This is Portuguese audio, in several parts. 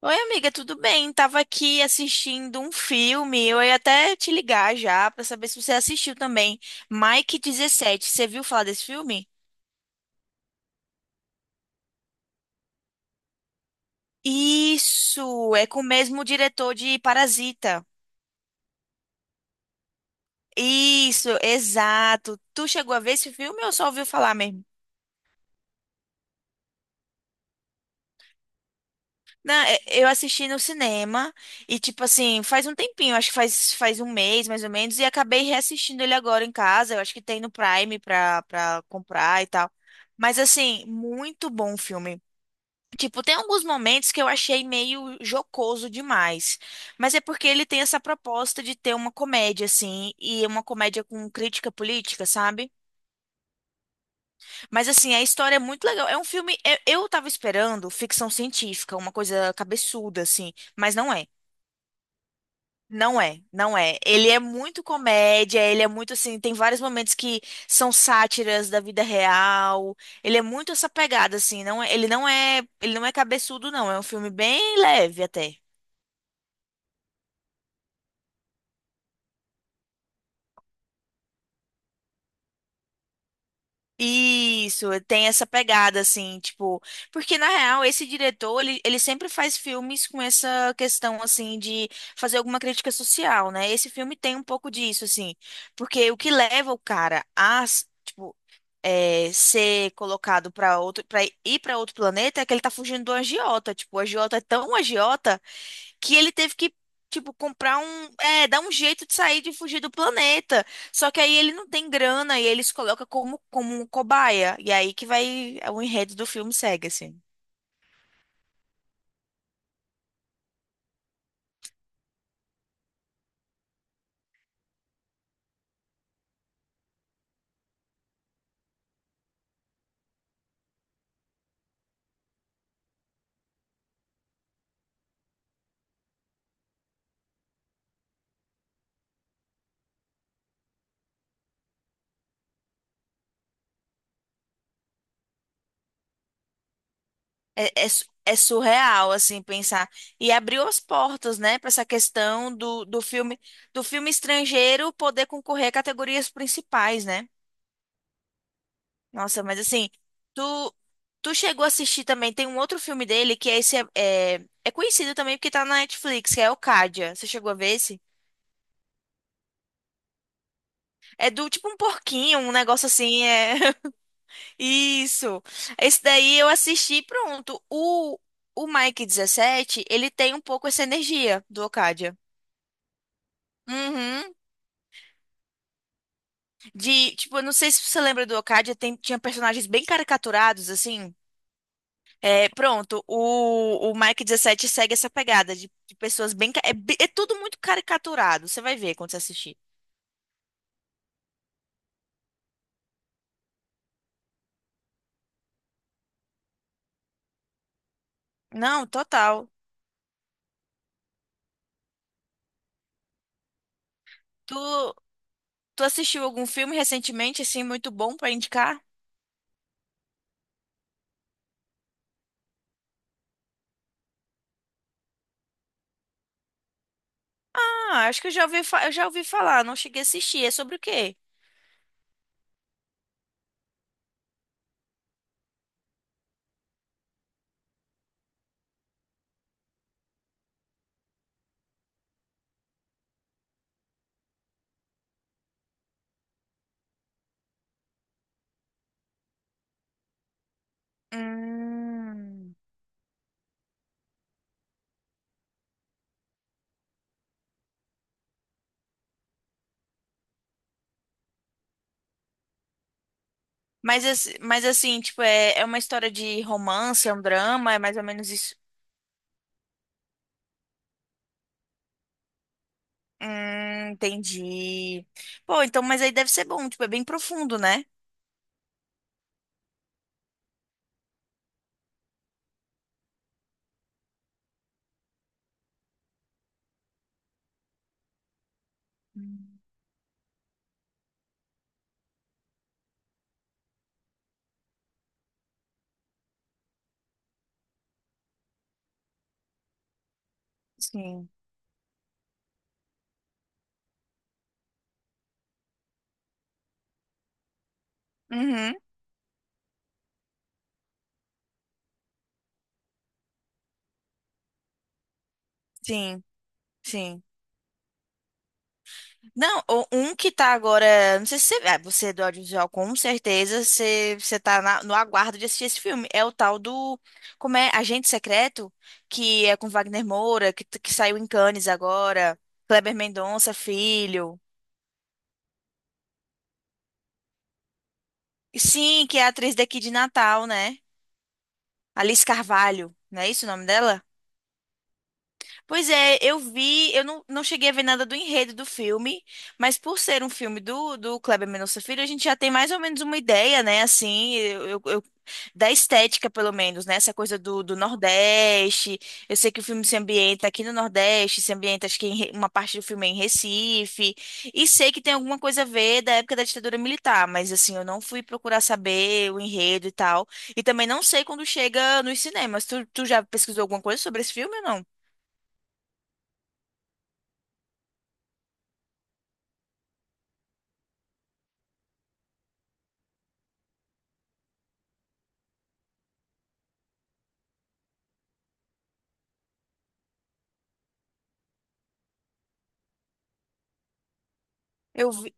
Oi, amiga, tudo bem? Tava aqui assistindo um filme. Eu ia até te ligar já pra saber se você assistiu também. Mike 17, você viu falar desse filme? Isso, é com o mesmo diretor de Parasita. Isso, exato. Tu chegou a ver esse filme ou só ouviu falar mesmo? Não, eu assisti no cinema e, tipo assim, faz um tempinho, acho que faz um mês mais ou menos, e acabei reassistindo ele agora em casa. Eu acho que tem no Prime pra comprar e tal. Mas, assim, muito bom o filme. Tipo, tem alguns momentos que eu achei meio jocoso demais, mas é porque ele tem essa proposta de ter uma comédia, assim, e uma comédia com crítica política, sabe? Mas, assim, a história é muito legal. É um filme. Eu tava esperando ficção científica, uma coisa cabeçuda, assim, mas não é. Não é, não é. Ele é muito comédia, ele é muito assim, tem vários momentos que são sátiras da vida real. Ele é muito essa pegada assim, não é, ele não é cabeçudo não, é um filme bem leve até. Isso, tem essa pegada assim, tipo, porque na real esse diretor, ele sempre faz filmes com essa questão assim de fazer alguma crítica social, né? Esse filme tem um pouco disso assim, porque o que leva o cara a, tipo, é, ser colocado para ir para outro planeta é que ele tá fugindo do agiota. Tipo, o agiota é tão agiota que ele teve que, tipo, comprar um, é, dar um jeito de sair de fugir do planeta. Só que aí ele não tem grana e ele se coloca como um cobaia. E aí que vai, é, o enredo do filme segue, assim. É, é, é surreal, assim, pensar. E abriu as portas, né, para essa questão do filme estrangeiro poder concorrer a categorias principais, né? Nossa, mas assim, tu, tu chegou a assistir também, tem um outro filme dele que é é conhecido também porque tá na Netflix, que é o Cádia. Você chegou a ver esse? É do tipo um porquinho, um negócio assim, é. Isso. Esse daí eu assisti, pronto. O Mike 17 ele tem um pouco essa energia do Okadia. Uhum. De, tipo, eu não sei se você lembra do Okadia, tinha personagens bem caricaturados, assim. É, pronto, o Mike dezessete segue essa pegada de pessoas bem. É tudo muito caricaturado, você vai ver quando você assistir. Não, total. Tu, tu assistiu algum filme recentemente, assim, muito bom pra indicar? Ah, acho que eu já ouvi, eu já ouvi falar, não cheguei a assistir. É sobre o quê? Hum. Mas assim, tipo, é, é uma história de romance, é um drama, é mais ou menos isso. Entendi. Pô, então, mas aí deve ser bom, tipo, é bem profundo, né? Sim. Uhum, sim. Sim. Não, um que tá agora. Não sei se você. Ah, você é do audiovisual, com certeza. Você tá no aguardo de assistir esse filme. É o tal do. Como é? Agente Secreto, que é com Wagner Moura, que saiu em Cannes agora. Kleber Mendonça, filho. E sim, que é a atriz daqui de Natal, né? Alice Carvalho. Não é isso o nome dela? Pois é, eu vi, eu não, não cheguei a ver nada do enredo do filme, mas por ser um filme do Kleber Mendonça Filho, a gente já tem mais ou menos uma ideia, né, assim, da estética, pelo menos, né, essa coisa do Nordeste, eu sei que o filme se ambienta aqui no Nordeste, se ambienta, acho que em uma parte do filme é em Recife, e sei que tem alguma coisa a ver da época da ditadura militar, mas, assim, eu não fui procurar saber o enredo e tal, e também não sei quando chega nos cinemas, tu já pesquisou alguma coisa sobre esse filme ou não? Eu vi.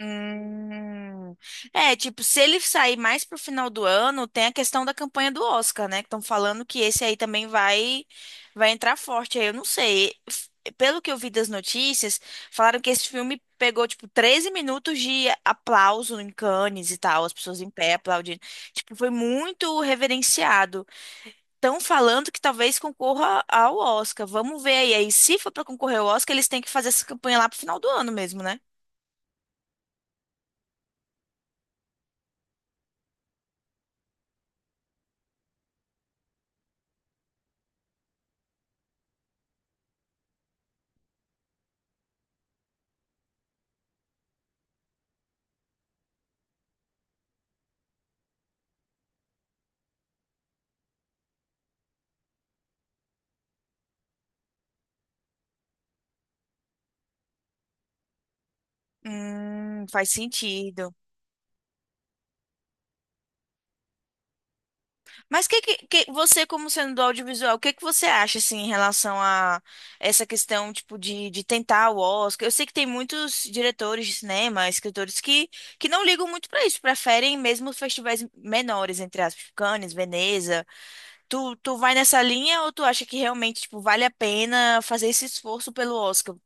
Hum. É, tipo, se ele sair mais pro final do ano, tem a questão da campanha do Oscar, né? Que estão falando que esse aí também vai entrar forte. Aí eu não sei. F- Pelo que eu vi das notícias, falaram que esse filme pegou, tipo, 13 minutos de aplauso em Cannes e tal, as pessoas em pé aplaudindo. Tipo, foi muito reverenciado. Estão falando que talvez concorra ao Oscar. Vamos ver aí. Aí, se for pra concorrer ao Oscar, eles têm que fazer essa campanha lá pro final do ano mesmo, né? Faz sentido. Mas que você, como sendo do audiovisual, o que que você acha assim em relação a essa questão tipo de tentar o Oscar? Eu sei que tem muitos diretores de cinema, escritores que não ligam muito pra isso, preferem mesmo os festivais menores, entre aspas, tipo Cannes, Veneza. Tu vai nessa linha ou tu acha que realmente tipo vale a pena fazer esse esforço pelo Oscar?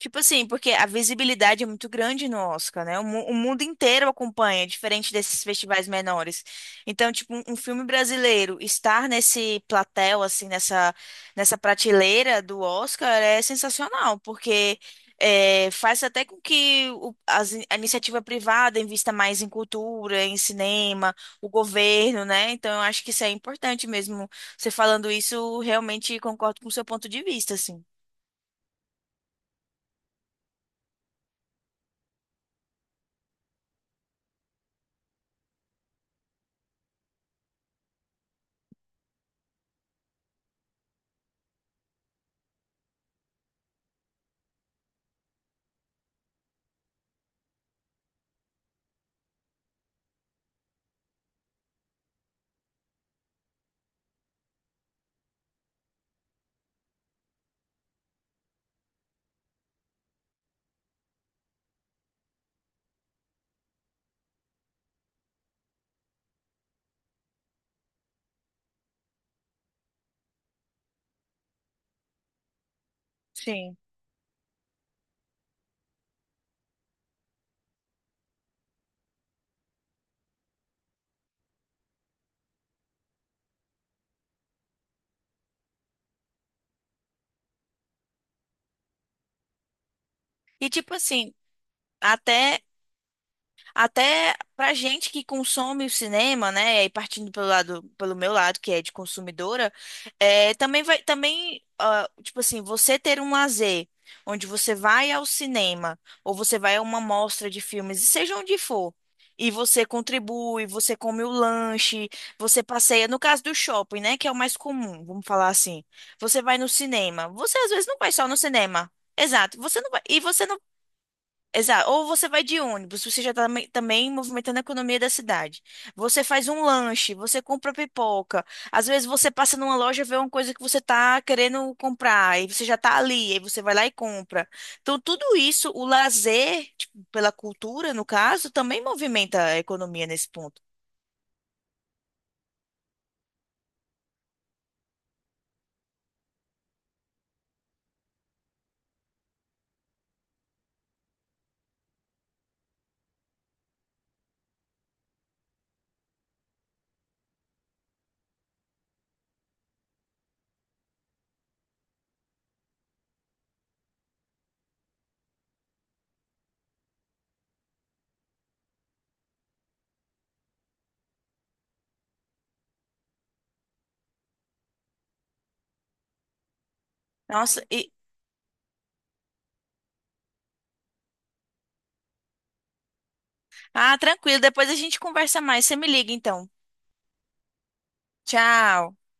Tipo assim, porque a visibilidade é muito grande no Oscar, né? O mundo inteiro acompanha, diferente desses festivais menores. Então, tipo, um filme brasileiro estar nesse platel, assim, nessa prateleira do Oscar é sensacional, porque é, faz até com que a iniciativa privada invista mais em cultura, em cinema, o governo, né? Então, eu acho que isso é importante mesmo. Você falando isso, realmente concordo com o seu ponto de vista, assim. Sim. E tipo assim, Até, até pra gente que consome o cinema, né? E partindo pelo lado, pelo meu lado, que é de consumidora, é, também vai, também, ah, tipo assim, você ter um lazer onde você vai ao cinema ou você vai a uma mostra de filmes, e seja onde for, e você contribui, você come o lanche, você passeia, no caso do shopping, né? Que é o mais comum, vamos falar assim. Você vai no cinema. Você às vezes não vai só no cinema. Exato. Você não vai, e você não Exato. Ou você vai de ônibus, você já está também movimentando a economia da cidade. Você faz um lanche, você compra pipoca. Às vezes você passa numa loja, vê uma coisa que você está querendo comprar, e você já está ali, aí você vai lá e compra. Então, tudo isso, o lazer, tipo, pela cultura, no caso, também movimenta a economia nesse ponto. Nossa, e... Ah, tranquilo, depois a gente conversa mais. Você me liga então. Tchau.